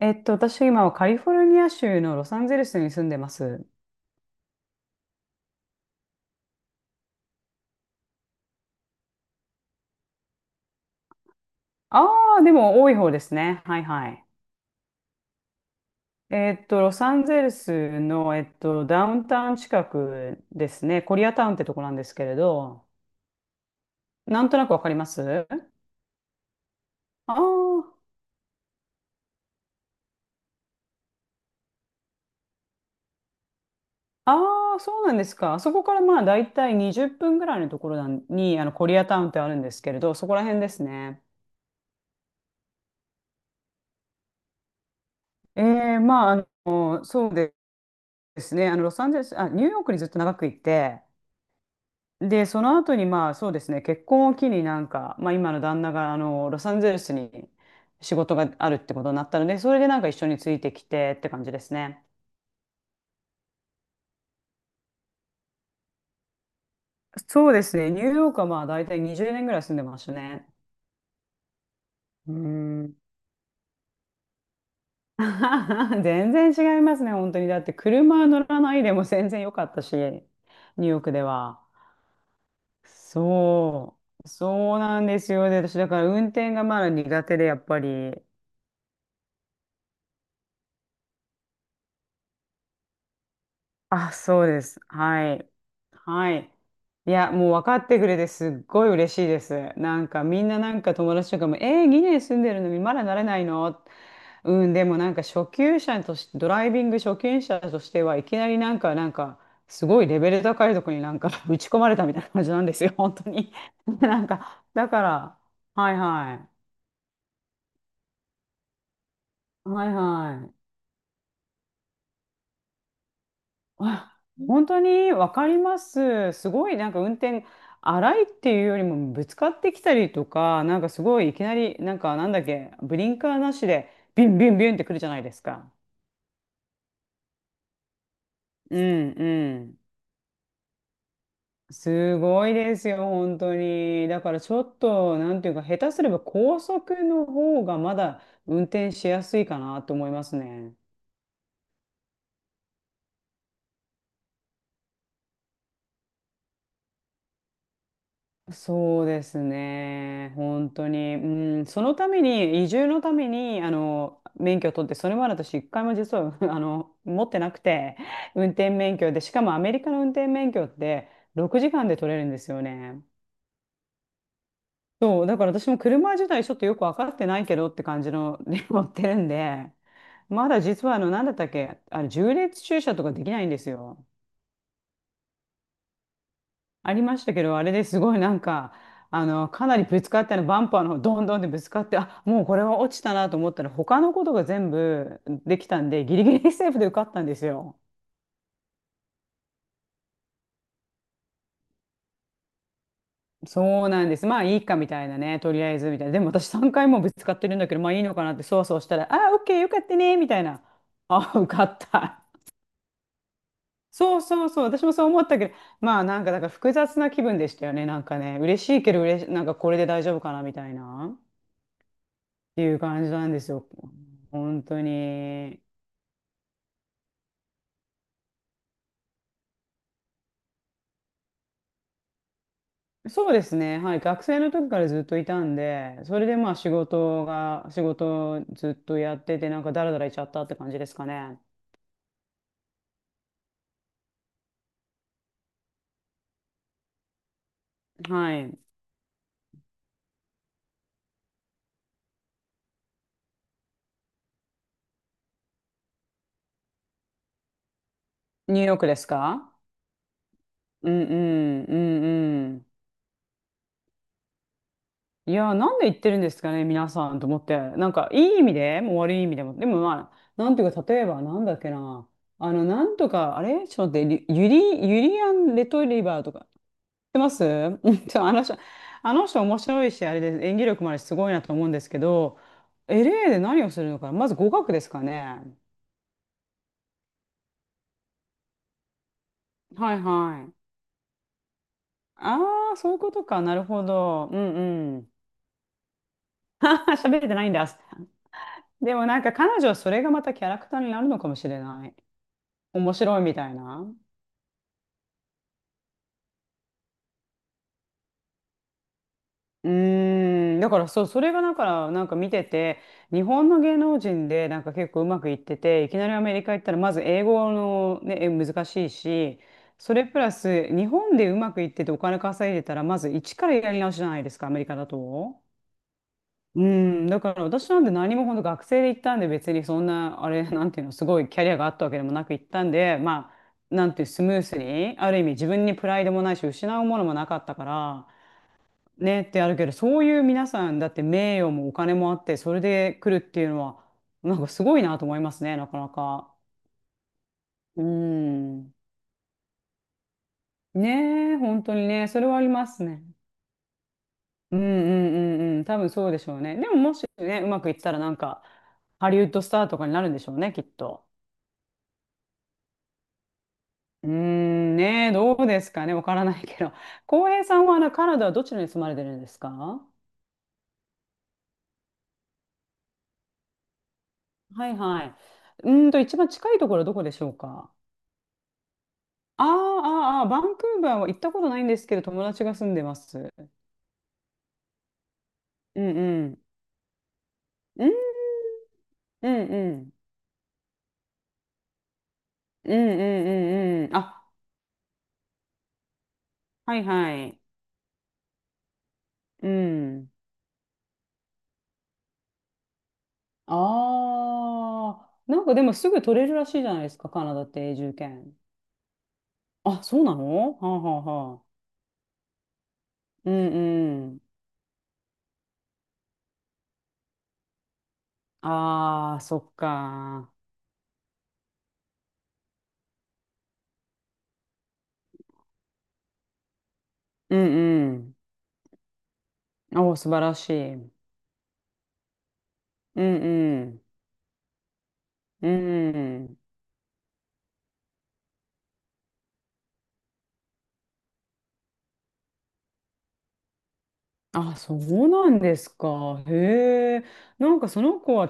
私今はカリフォルニア州のロサンゼルスに住んでます。ああ、でも多い方ですね。はいはい。ロサンゼルスの、ダウンタウン近くですね。コリアタウンってとこなんですけれど、なんとなくわかります。あーあー、そうなんですか。あそこからまあ大体20分ぐらいのところなんに、コリアタウンってあるんですけれど、そこら辺ですね。まあ、そうですね。ロサンゼルス、あ、ニューヨークにずっと長くいて、で、その後にまあそうですね、結婚を機になんか、まあ今の旦那があのロサンゼルスに仕事があるってことになったので、それでなんか一緒についてきてって感じですね。そうですね、ニューヨークはまあ大体20年ぐらい住んでましたね。うーん。全然違いますね、本当に。だって車乗らないでも全然良かったし、ニューヨークでは。そそうなんですよ。で、私だから運転がまだ苦手で、やっぱり。あ、そうです。はい。はい。いや、もう分かってくれてすっごい嬉しいです。なんかみんななんか友達とかも、2年住んでるのにまだなれないの。うん、でもなんか初級者として、ドライビング初級者としてはいきなりなんか、なんか、すごいレベル高いとこになんか 打ち込まれたみたいな感じなんですよ、本当に。なんか、だから、はいはい。はいはい。あ、本当にわかります。すごいなんか運転荒いっていうよりもぶつかってきたりとか、なんかすごいいきなりなんかなんだっけ、ブリンカーなしでビンビンビンってくるじゃないですか。うんうん。すごいですよ、本当に。だからちょっと、なんていうか、下手すれば高速の方がまだ運転しやすいかなと思いますね。そうですね。本当に。うん、そのために、移住のために、免許を取って、それまで私、一回も実は、持ってなくて、運転免許で、しかもアメリカの運転免許って、6時間で取れるんですよね。そう、だから私も車自体ちょっとよく分かってないけどって感じの ね持ってるんで、まだ実は、なんだったっけ、縦列駐車とかできないんですよ。ありましたけど、あれですごいなんか、かなりぶつかってあの、バンパーの方どんどんでぶつかって、あ、もうこれは落ちたなと思ったら、他のことが全部できたんで、ギリギリセーフで受かったんですよ。そうなんです。まあいいかみたいなね、とりあえずみたいな。でも私3回もぶつかってるんだけど、まあいいのかなってそわそわしたら、あ、オッケーよかったね、みたいな。あ、受かった。そうそうそう、私もそう思ったけど、まあなんかだから複雑な気分でしたよね、なんかね、嬉しいけど嬉し、なんかこれで大丈夫かなみたいな。っていう感じなんですよ。本当に。そうですね。はい。学生の時からずっといたんで、それでまあ仕事をずっとやってて、なんかダラダラいっちゃったって感じですかね。はい。ニューヨークですか？うんうんうんうん。いやー、なんで言ってるんですかね、皆さんと思って。なんか、いい意味でも悪い意味でも。でもまあ、なんていうか、例えば、なんだっけな。なんとか、あれちょっと待って、リユリ、ユリアン・レトリバーとか、ってます うんちょあの人、あの人面白いし、あれで演技力もあるし、すごいなと思うんですけど、LA で何をするのか、まず語学ですかね。はいはい。ああ、そういうことか。なるほど。うんうん。あー喋れてないんだ。でもなんか彼女はそれがまたキャラクターになるのかもしれない。面白いみたいな。うーん、だからそう、それがだから、なんか見てて、日本の芸能人でなんか結構うまくいってて、いきなりアメリカ行ったら、まず英語のね、え難しいし、それプラス、日本でうまくいっててお金稼いでたら、まず一からやり直しじゃないですか、アメリカだと。うん、だから私なんて何も本当学生で行ったんで、別にそんな、あれ、なんていうの、すごいキャリアがあったわけでもなく行ったんで、まあ、なんていう、スムースに、ある意味自分にプライドもないし、失うものもなかったから、ねってあるけど、そういう皆さんだって名誉もお金もあって、それで来るっていうのは、なんかすごいなと思いますね、なかなか。うん。ねえ、本当にね、それはありますね。うんうんうんうん、多分そうでしょうね。でももしね、うまくいったらなんか、ハリウッドスターとかになるんでしょうね、きっと。うーん、ねえ、どうですかね、わからないけど。浩平さんはあのカナダはどちらに住まれてるんですか？はいはい。うーんと、一番近いところはどこでしょうか？あーあー、あーバンクーバーは行ったことないんですけど、友達が住んでます。うんうん。うんうんうん。うんうんうんうん。あ、はいはい。うん。ああ、なんかでもすぐ取れるらしいじゃないですか、カナダって永住権。あ、そうなの？はあはあはあ。うんうん。ああ、そっか。うんうん。おー素晴らしい。うんうん。うん。あ、そうなんですか。へえ。なんかその子は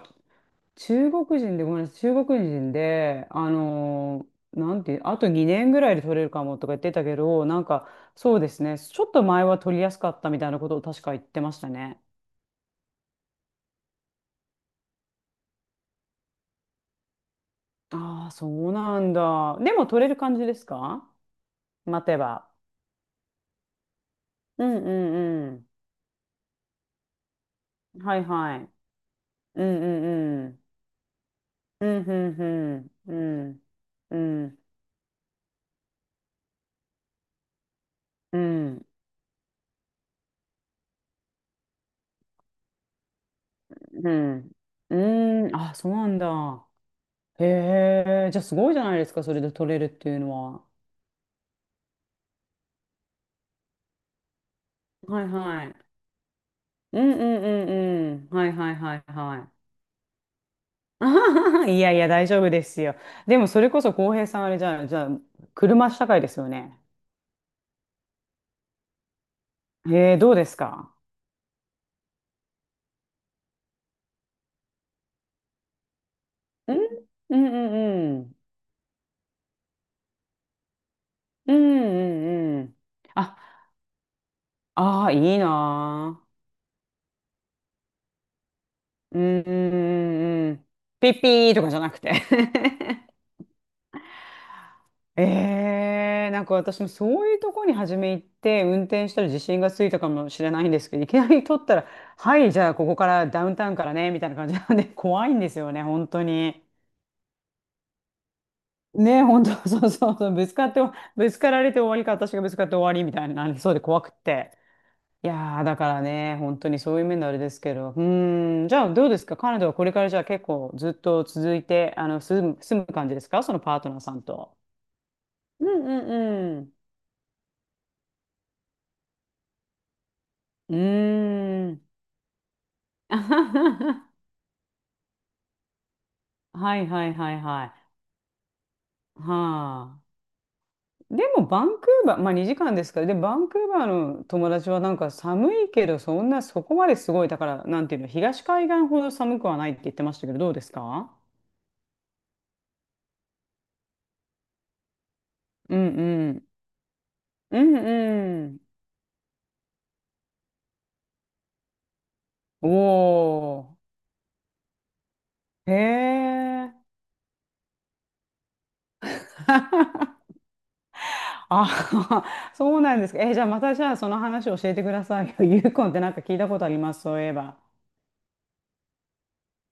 中国人で、ごめんなさい、中国人で、あのーなんていう、あと2年ぐらいで取れるかもとか言ってたけど、なんかそうですね、ちょっと前は取りやすかったみたいなことを確か言ってましたね。ああ、そうなんだ。でも取れる感じですか？待てば。うんうんうん。はいはい。うんうんうん。うんうんうん。うんうんうん。うん。うーん。あ、そうなんだ。へえ。じゃあすごいじゃないですか、それで取れるっていうのは。はいはい。うんうんうんうん。はいはいはいはい。あははいやいや、大丈夫ですよ。でもそれこそ浩平さんあれじゃあ、じゃあ、車社会ですよね。へどうですか？んうんうんうん。うんうんうん。あ、ああ、いいなあ。うんうんうんうん。ピッピーとかじゃなくて？ えー、なんか私もそういうとこに初め行って運転したら自信がついたかもしれないんですけどいきなり取ったら「はいじゃあここからダウンタウンからね」みたいな感じなんで怖いんですよね本当に。ね本当そうそうそうぶつかってぶつかられて終わりか私がぶつかって終わりみたいになりそうで怖くって。いやーだからね本当にそういう面のあれですけどうーんじゃあどうですかカナダはこれからじゃあ結構ずっと続いてあの住む感じですかそのパートナーさんと。うんうんうん。うーん。はいはいはいはい。はあ。でもバンクーバー、まあ2時間ですから、で、バンクーバーの友達はなんか寒いけど、そんなそこまですごい、だから、なんていうの、東海岸ほど寒くはないって言ってましたけど、どうですか？うんうん。うんうん。おー。へえ。あ、そうなんですか。え、じゃあまたじゃあその話を教えてくださいよ。ユーコンってなんか聞いたことあります、そういえば。